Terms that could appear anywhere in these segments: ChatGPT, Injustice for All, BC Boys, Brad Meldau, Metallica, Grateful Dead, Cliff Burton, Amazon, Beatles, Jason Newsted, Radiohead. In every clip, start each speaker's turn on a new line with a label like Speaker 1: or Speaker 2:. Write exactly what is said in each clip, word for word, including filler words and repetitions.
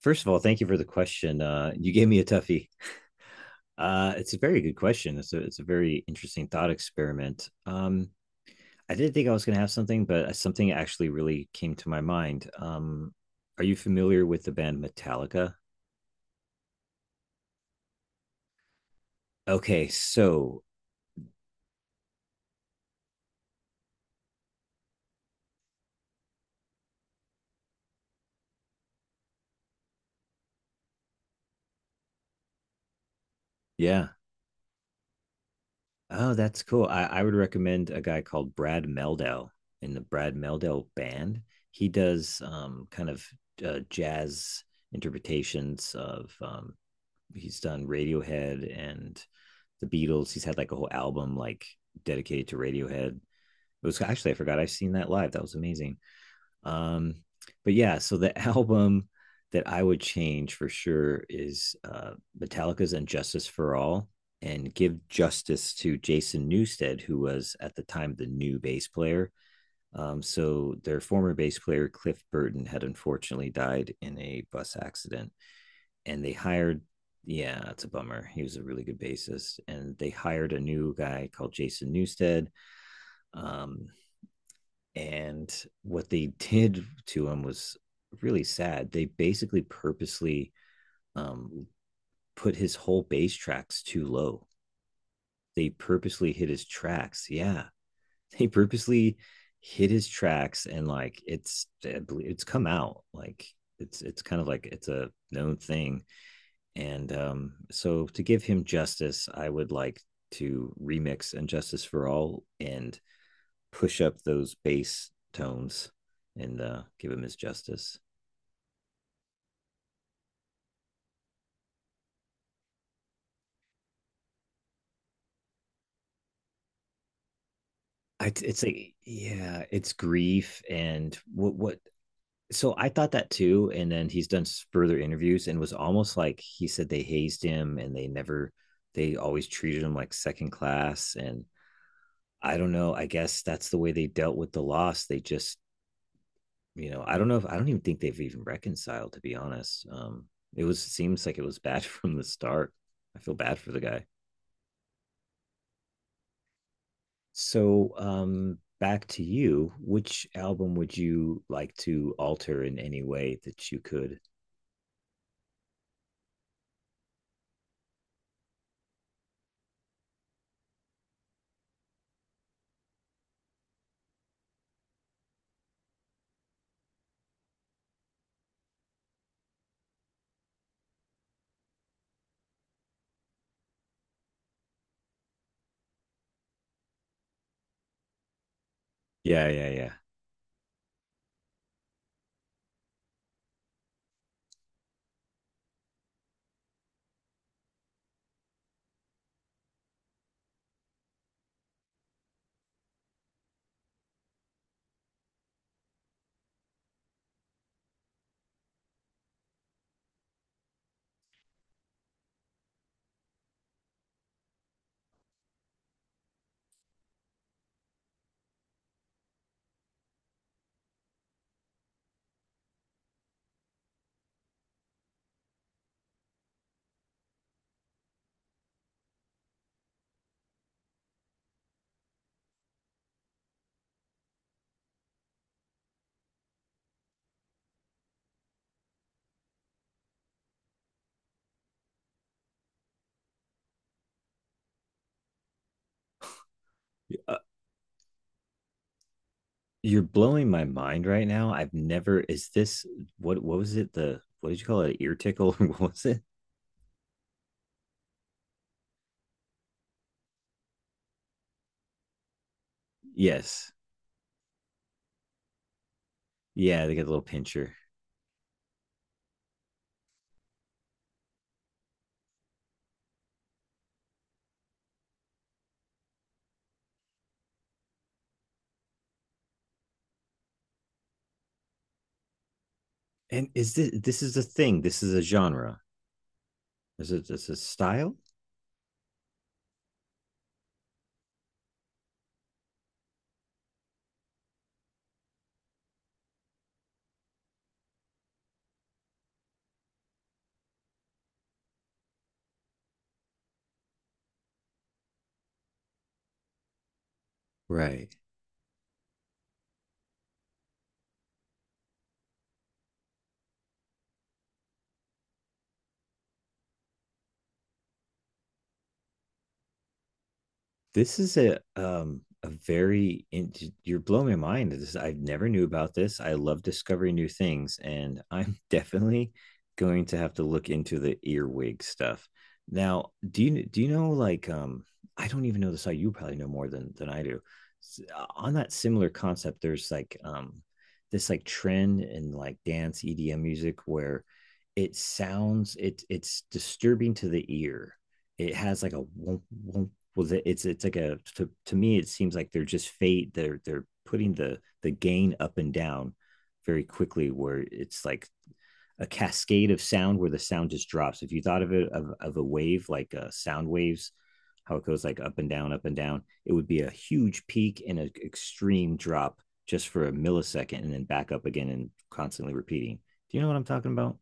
Speaker 1: First of all, thank you for the question. Uh, you gave me a toughie. Uh, it's a very good question. It's a it's a very interesting thought experiment. Um, I didn't think I was going to have something, but uh, something actually really came to my mind. Um, are you familiar with the band Metallica? Okay, so yeah. Oh, that's cool. I, I would recommend a guy called Brad Meldau in the Brad Meldau band. He does um, kind of uh, jazz interpretations of um, he's done Radiohead and the Beatles. He's had like a whole album like dedicated to Radiohead. It was actually I forgot I've seen that live. That was amazing. Um, but yeah, so the album that I would change for sure is uh, Metallica's "Injustice for All," and give justice to Jason Newsted, who was at the time the new bass player. Um, so their former bass player Cliff Burton had unfortunately died in a bus accident and they hired yeah, it's a bummer. He was a really good bassist, and they hired a new guy called Jason Newstead. Um, and what they did to him was really sad. They basically purposely um, put his whole bass tracks too low. They purposely hit his tracks. Yeah, they purposely hit his tracks, and like it's it's come out like it's it's kind of like it's a known thing. And um, so, to give him justice, I would like to remix "Injustice for All" and push up those bass tones and uh, give him his justice. I, it's like, yeah, it's grief and what what. So I thought that too, and then he's done further interviews and was almost like he said they hazed him and they never, they always treated him like second class. And I don't know. I guess that's the way they dealt with the loss. They just you know, I don't know if I don't even think they've even reconciled. To be honest, um, it was seems like it was bad from the start. I feel bad for the guy. So um, back to you. Which album would you like to alter in any way that you could? Yeah, yeah, yeah. uh, you're blowing my mind right now. I've never. Is this what? What was it? The what did you call it? Ear tickle? What was it? Yes. Yeah, they get a little pincher. And is this this is a thing? This is a genre. Is it? This a style? Right. This is a um a very in, you're blowing my mind. This I never knew about this. I love discovering new things, and I'm definitely going to have to look into the earwig stuff. Now, do you do you know like um I don't even know the site. You probably know more than than I do. S- uh, On that similar concept, there's like um this like trend in like dance E D M music where it sounds it it's disturbing to the ear. It has like a womp, womp, was it's it's like a to, to me it seems like they're just fade they're they're putting the the gain up and down very quickly where it's like a cascade of sound where the sound just drops if you thought of it of, of a wave like uh, sound waves how it goes like up and down up and down it would be a huge peak and an extreme drop just for a millisecond and then back up again and constantly repeating. Do you know what I'm talking about?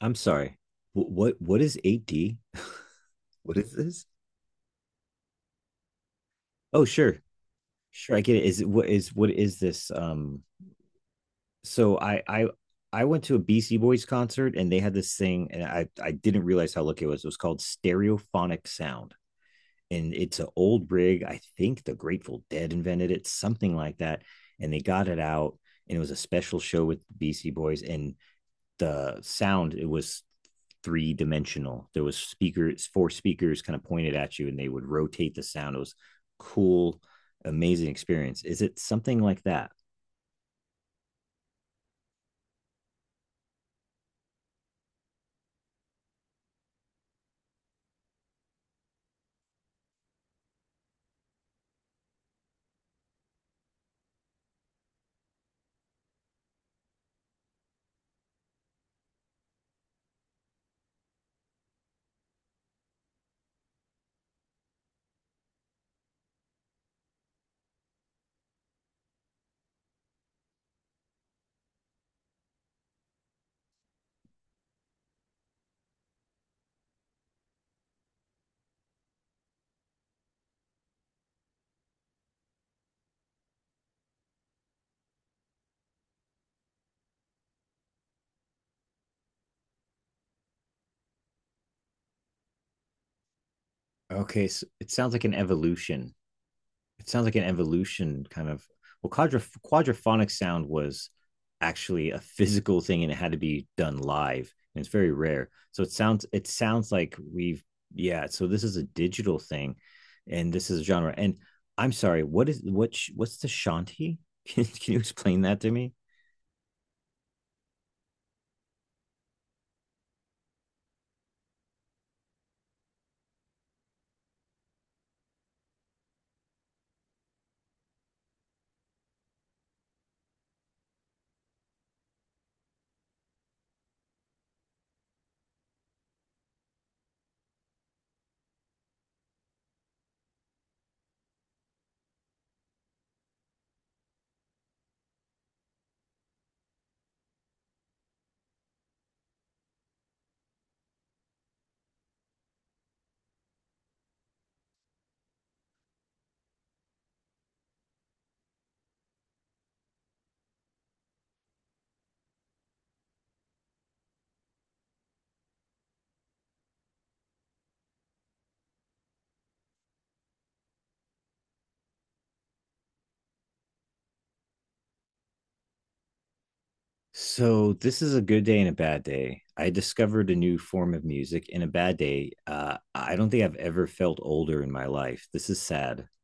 Speaker 1: I'm sorry, Wh- what what is eight D? What is this? Oh sure. Sure, I get it. Is it what is what is this? Um, so I I I went to a B C Boys concert and they had this thing, and I I didn't realize how lucky it was. It was called stereophonic sound, and it's an old rig. I think the Grateful Dead invented it, something like that, and they got it out, and it was a special show with B C Boys, and the sound it was three dimensional. There was speakers, four speakers, kind of pointed at you, and they would rotate the sound. It was cool, amazing experience. Is it something like that? Okay, so it sounds like an evolution. It sounds like an evolution kind of. Well, quadra quadraphonic sound was actually a physical thing, and it had to be done live, and it's very rare. So it sounds it sounds like we've yeah. So this is a digital thing, and this is a genre. And I'm sorry, what is what sh- what's the Shanti? Can, can you explain that to me? So this is a good day and a bad day. I discovered a new form of music. In a bad day, uh, I don't think I've ever felt older in my life. This is sad.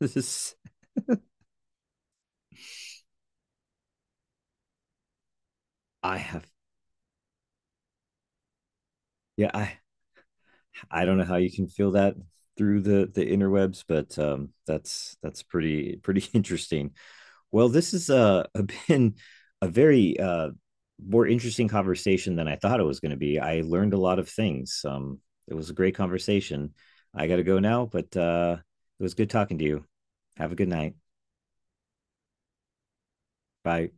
Speaker 1: This is I have yeah I I don't know how you can feel that through the the interwebs, but um, that's that's pretty pretty interesting. Well, this has uh, been a very uh, more interesting conversation than I thought it was going to be. I learned a lot of things. Um, it was a great conversation. I got to go now, but uh, it was good talking to you. Have a good night. Bye.